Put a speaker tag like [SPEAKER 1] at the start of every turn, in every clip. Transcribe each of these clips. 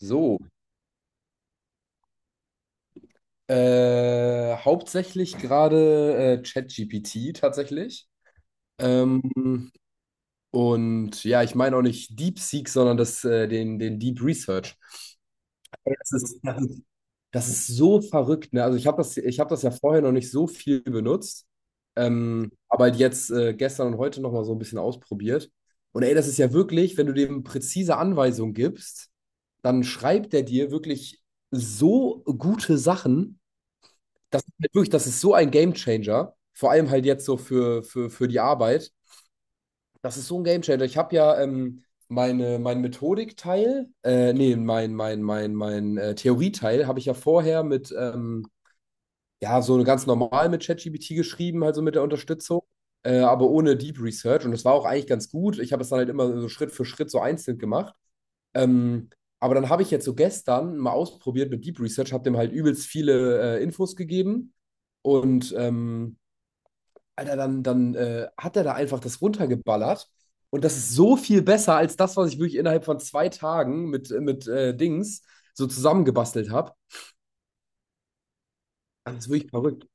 [SPEAKER 1] So, hauptsächlich gerade ChatGPT tatsächlich. Ähm, und ja, ich meine auch nicht DeepSeek, sondern das, den Deep Research. Das ist, das ist, das ist so verrückt, ne? Also ich habe ich habe das ja vorher noch nicht so viel benutzt, aber halt jetzt gestern und heute nochmal so ein bisschen ausprobiert. Und ey, das ist ja wirklich, wenn du dem präzise Anweisungen gibst, dann schreibt er dir wirklich so gute Sachen. Das ist halt wirklich, das ist so ein Gamechanger. Vor allem halt jetzt so für die Arbeit. Das ist so ein Gamechanger. Ich habe ja mein Methodikteil, nee, mein Theorieteil habe ich ja vorher mit, ja, so ganz normal mit ChatGPT geschrieben, halt so mit der Unterstützung, aber ohne Deep Research. Und das war auch eigentlich ganz gut. Ich habe es dann halt immer so Schritt für Schritt so einzeln gemacht. Ähm, aber dann habe ich jetzt so gestern mal ausprobiert mit Deep Research, habe dem halt übelst viele Infos gegeben und Alter, dann hat er da einfach das runtergeballert und das ist so viel besser als das, was ich wirklich innerhalb von zwei Tagen mit Dings so zusammengebastelt habe. Das ist wirklich verrückt.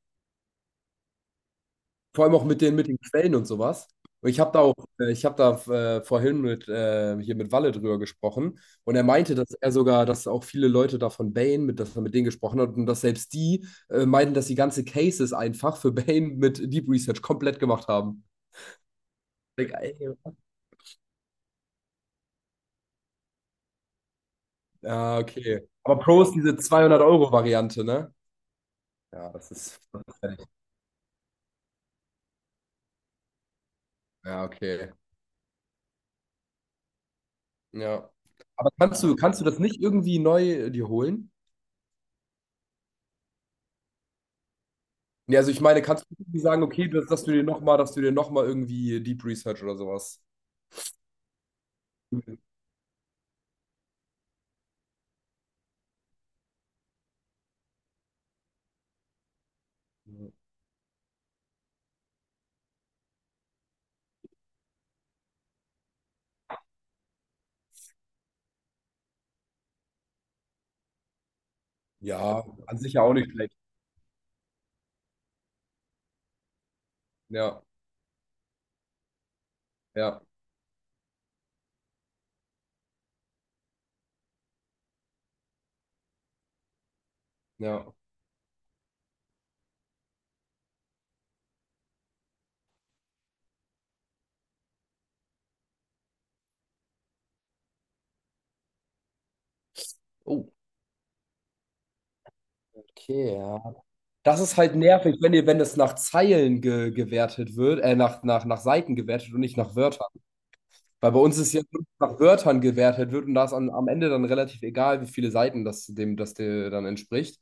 [SPEAKER 1] Vor allem auch mit den Quellen und sowas. Und ich habe da auch, ich habe da vorhin hier mit Walle drüber gesprochen. Und er meinte, dass er sogar, dass auch viele Leute da von Bane, mit, dass er mit denen gesprochen hat und dass selbst die meinten, dass die ganze Cases einfach für Bane mit Deep Research komplett gemacht haben. Ich Denk, ey, ja, okay. Aber Pro ist diese 200-Euro-Variante, ne? Ja, das ist. Ja, okay. Ja. Aber kannst du das nicht irgendwie neu dir holen? Ja, also ich meine, kannst du irgendwie sagen, okay, dass, dass du dir nochmal, dass du dir noch mal irgendwie Deep Research oder sowas. Ja, an sich ja auch nicht schlecht. Ja, ja, ja. Oh, okay, ja. Das ist halt nervig, wenn ihr, wenn das nach Zeilen ge gewertet wird, nach Seiten gewertet und nicht nach Wörtern. Weil bei uns ist ja nur nach Wörtern gewertet wird und da ist an, am Ende dann relativ egal, wie viele Seiten das dem, das dir dann entspricht.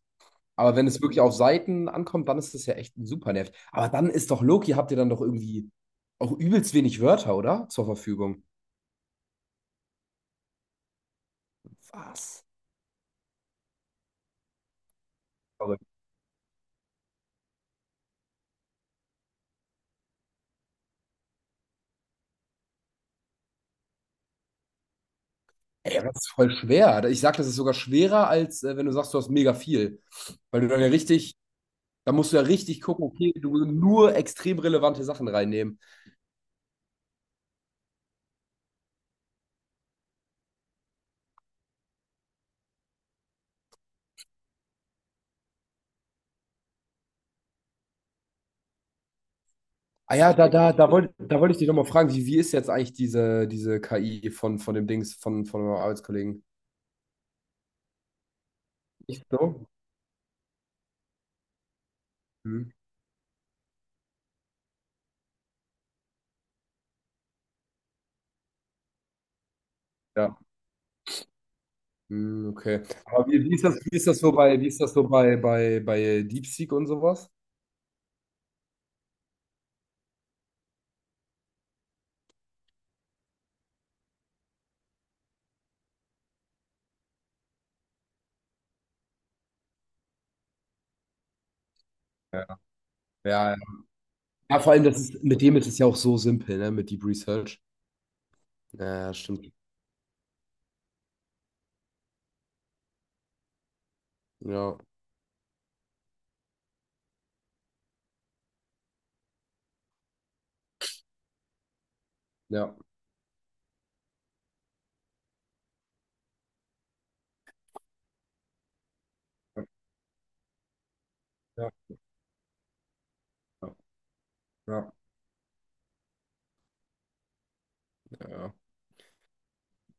[SPEAKER 1] Aber wenn es wirklich auf Seiten ankommt, dann ist das ja echt super nervig. Aber dann ist doch Loki, habt ihr dann doch irgendwie auch übelst wenig Wörter, oder? Zur Verfügung. Was? Verrückt. Ey, das ist voll schwer. Ich sag, das ist sogar schwerer, als wenn du sagst, du hast mega viel. Weil du dann ja richtig, da musst du ja richtig gucken, okay, du willst nur extrem relevante Sachen reinnehmen. Ah ja, da wollte da wollt ich dich nochmal fragen, wie, wie ist jetzt eigentlich diese, diese KI von dem Dings, von eurem Arbeitskollegen? Nicht so? Hm. Ja. Hm, okay. Aber wie, wie ist das so bei, wie ist das so bei, bei, bei DeepSeek und sowas? Ja, ja. Ja, ja, vor allem, das ist, mit dem ist es ja auch so simpel, ne, mit Deep Research. Ja, stimmt. Ja, ja, ja, ja, ja. Ja.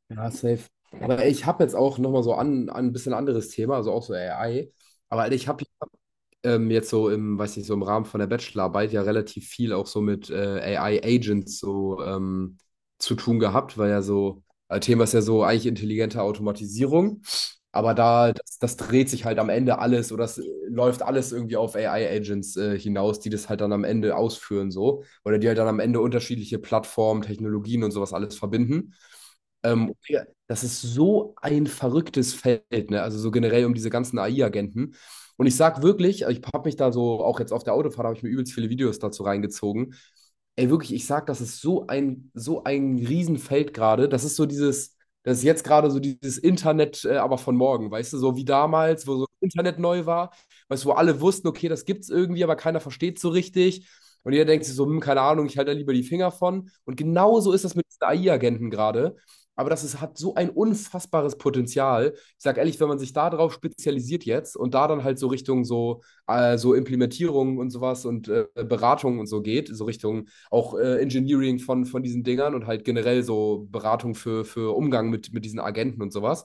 [SPEAKER 1] Ja, safe. Aber ich habe jetzt auch nochmal so an, an ein bisschen anderes Thema, also auch so AI. Aber Alter, ich habe jetzt so im, weiß nicht, so im Rahmen von der Bachelorarbeit ja relativ viel auch so mit AI-Agents so zu tun gehabt, weil ja so, Thema ist ja so eigentlich intelligente Automatisierung. Aber da, das, das dreht sich halt am Ende alles oder das läuft alles irgendwie auf AI-Agents hinaus, die das halt dann am Ende ausführen so. Oder die halt dann am Ende unterschiedliche Plattformen, Technologien und sowas alles verbinden. Digga, das ist so ein verrücktes Feld, ne? Also so generell um diese ganzen AI-Agenten. Und ich sag wirklich, ich habe mich da so, auch jetzt auf der Autofahrt, habe ich mir übelst viele Videos dazu reingezogen. Ey, wirklich, ich sag, das ist so ein Riesenfeld gerade. Das ist so dieses, das ist jetzt gerade so dieses Internet, aber von morgen, weißt du, so wie damals, wo so Internet neu war, weißt du, wo alle wussten, okay, das gibt's irgendwie, aber keiner versteht so richtig. Und jeder denkt sich so, keine Ahnung, ich halte da lieber die Finger von. Und genauso ist das mit diesen AI-Agenten gerade. Aber das ist, hat so ein unfassbares Potenzial. Ich sage ehrlich, wenn man sich da drauf spezialisiert jetzt und da dann halt so Richtung so, so Implementierung und sowas und Beratung und so geht, so Richtung auch Engineering von diesen Dingern und halt generell so Beratung für Umgang mit diesen Agenten und sowas.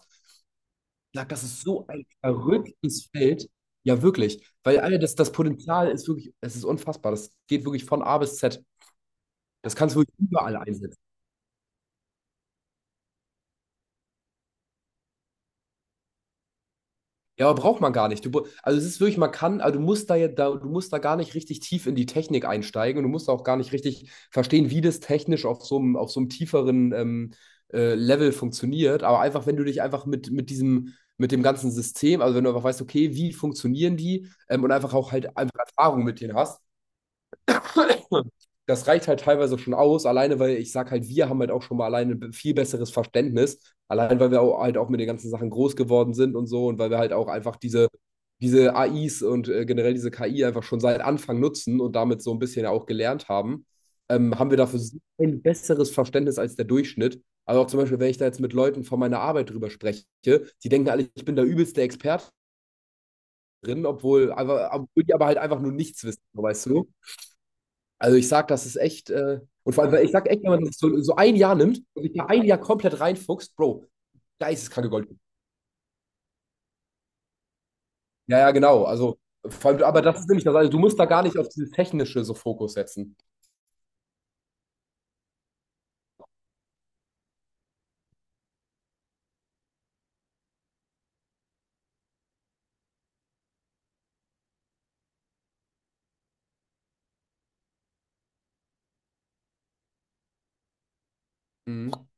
[SPEAKER 1] Ich sag, das ist so ein verrücktes Feld. Ja, wirklich. Weil Alter, das, das Potenzial ist wirklich, es ist unfassbar. Das geht wirklich von A bis Z. Das kannst du wirklich überall einsetzen. Ja, aber braucht man gar nicht. Du, br- also es ist wirklich, man kann, also du musst da ja, da, du musst da gar nicht richtig tief in die Technik einsteigen und du musst auch gar nicht richtig verstehen, wie das technisch auf so einem tieferen Level funktioniert. Aber einfach, wenn du dich einfach mit diesem, mit dem ganzen System, also wenn du einfach weißt, okay, wie funktionieren die und einfach auch halt einfach Erfahrung mit denen hast, das reicht halt teilweise schon aus, alleine weil ich sag halt, wir haben halt auch schon mal alleine ein viel besseres Verständnis, allein weil wir auch, halt auch mit den ganzen Sachen groß geworden sind und so und weil wir halt auch einfach diese AIs und generell diese KI einfach schon seit Anfang nutzen und damit so ein bisschen auch gelernt haben, haben wir dafür so ein besseres Verständnis als der Durchschnitt. Also auch zum Beispiel, wenn ich da jetzt mit Leuten von meiner Arbeit drüber spreche, die denken alle, ich bin der übelste Experte drin, obwohl, aber, obwohl die aber halt einfach nur nichts wissen, so, weißt du? Also ich sag, das ist echt, und vor allem, weil ich sag echt, wenn man das so, so ein Jahr nimmt und sich da ein Jahr komplett reinfuchst, Bro, da ist es kranke Gold. Ja, ja, genau. Also, vor allem, aber das ist nämlich das, also du musst da gar nicht auf dieses Technische so Fokus setzen. Mhm.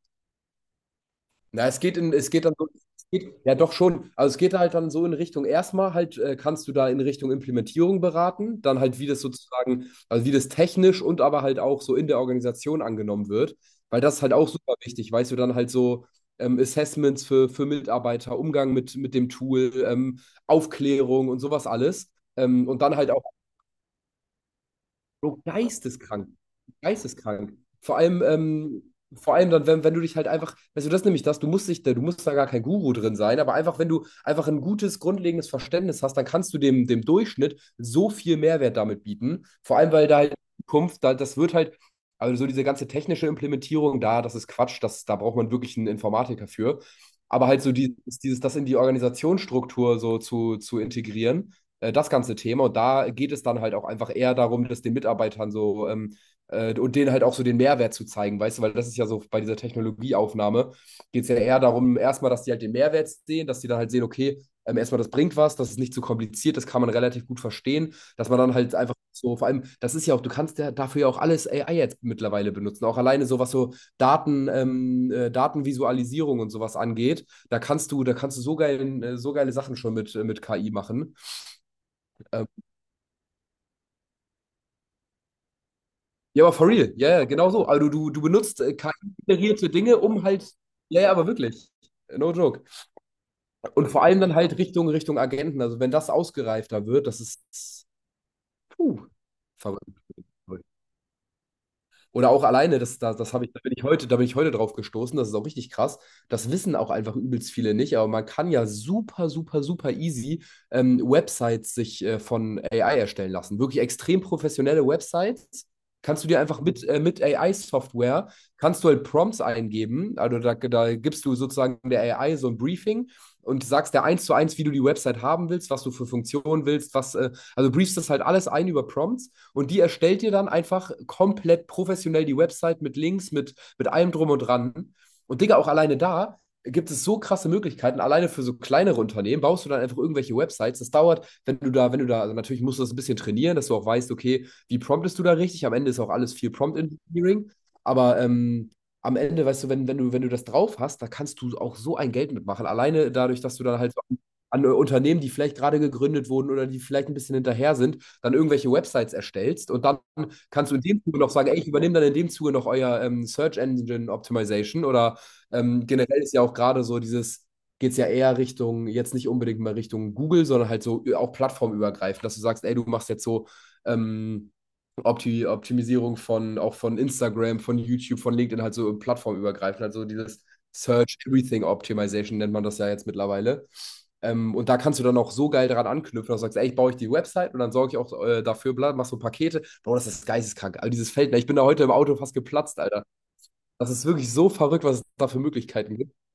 [SPEAKER 1] Na, es geht in, es geht dann so, es geht, ja doch schon, also es geht halt dann so in Richtung, erstmal halt kannst du da in Richtung Implementierung beraten, dann halt wie das sozusagen, also wie das technisch und aber halt auch so in der Organisation angenommen wird, weil das ist halt auch super wichtig, weißt du, dann halt so Assessments für Mitarbeiter, Umgang mit dem Tool, Aufklärung und sowas alles. Und dann halt auch Bro, geisteskrank. Geisteskrank. Vor allem dann, wenn, wenn du dich halt einfach, weißt du, das ist nämlich das, du musst dich, da- du musst da gar kein Guru drin sein, aber einfach, wenn du einfach ein gutes, grundlegendes Verständnis hast, dann kannst du dem, dem Durchschnitt so viel Mehrwert damit bieten. Vor allem, weil da halt in Zukunft, da, das wird halt, also so diese ganze technische Implementierung da, das ist Quatsch, das, da braucht man wirklich einen Informatiker für. Aber halt so dieses, das in die Organisationsstruktur so zu integrieren das ganze Thema. Und da geht es dann halt auch einfach eher darum, dass den Mitarbeitern so und denen halt auch so den Mehrwert zu zeigen, weißt du, weil das ist ja so bei dieser Technologieaufnahme, geht es ja eher darum, erstmal, dass die halt den Mehrwert sehen, dass die dann halt sehen, okay, erstmal, das bringt was, das ist nicht zu kompliziert, das kann man relativ gut verstehen, dass man dann halt einfach so, vor allem, das ist ja auch, du kannst ja dafür ja auch alles AI jetzt mittlerweile benutzen, auch alleine so, was so Daten, Datenvisualisierung und sowas angeht, da kannst du so, geil, so geile Sachen schon mit KI machen. Ähm, Ja, aber for real. Ja, ja, genau so. Also du benutzt KI-generierte Dinge, um halt. Ja, ja, aber wirklich. No joke. Und vor allem dann halt Richtung, Richtung Agenten. Also wenn das ausgereifter wird, das ist. Puh, verrückt. Oder auch alleine, das, das, das habe ich, da bin ich heute, da bin ich heute drauf gestoßen, das ist auch richtig krass. Das wissen auch einfach übelst viele nicht, aber man kann ja super, super, super easy Websites sich von AI erstellen lassen. Wirklich extrem professionelle Websites kannst du dir einfach mit AI-Software, kannst du halt Prompts eingeben, also da, da gibst du sozusagen der AI so ein Briefing und sagst der eins zu eins, wie du die Website haben willst, was du für Funktionen willst, was, also briefst das halt alles ein über Prompts und die erstellt dir dann einfach komplett professionell die Website mit Links, mit allem drum und dran. Und Digga, auch alleine da gibt es so krasse Möglichkeiten. Alleine für so kleinere Unternehmen baust du dann einfach irgendwelche Websites. Das dauert, wenn du da, wenn du da, also natürlich musst du das ein bisschen trainieren, dass du auch weißt, okay, wie promptest du da richtig? Am Ende ist auch alles viel Prompt Engineering. Aber am Ende, weißt du, wenn, wenn du, wenn du das drauf hast, da kannst du auch so ein Geld mitmachen. Alleine dadurch, dass du dann halt so an, an Unternehmen, die vielleicht gerade gegründet wurden oder die vielleicht ein bisschen hinterher sind, dann irgendwelche Websites erstellst und dann kannst du in dem Zuge noch sagen, ey, ich übernehme dann in dem Zuge noch euer Search Engine Optimization oder generell ist ja auch gerade so dieses, geht es ja eher Richtung, jetzt nicht unbedingt mal Richtung Google, sondern halt so auch plattformübergreifend, dass du sagst, ey, du machst jetzt so ähm, Opti Optimisierung von auch von Instagram, von YouTube, von LinkedIn, halt so plattformübergreifend, also dieses Search Everything Optimization nennt man das ja jetzt mittlerweile. Und da kannst du dann auch so geil dran anknüpfen, dass du sagst, ey, ich baue ich die Website und dann sorge ich auch dafür, bla, mach so Pakete. Bro, das ist geisteskrank. Also dieses Feld, ne? Ich bin da heute im Auto fast geplatzt, Alter. Das ist wirklich so verrückt, was es da für Möglichkeiten gibt.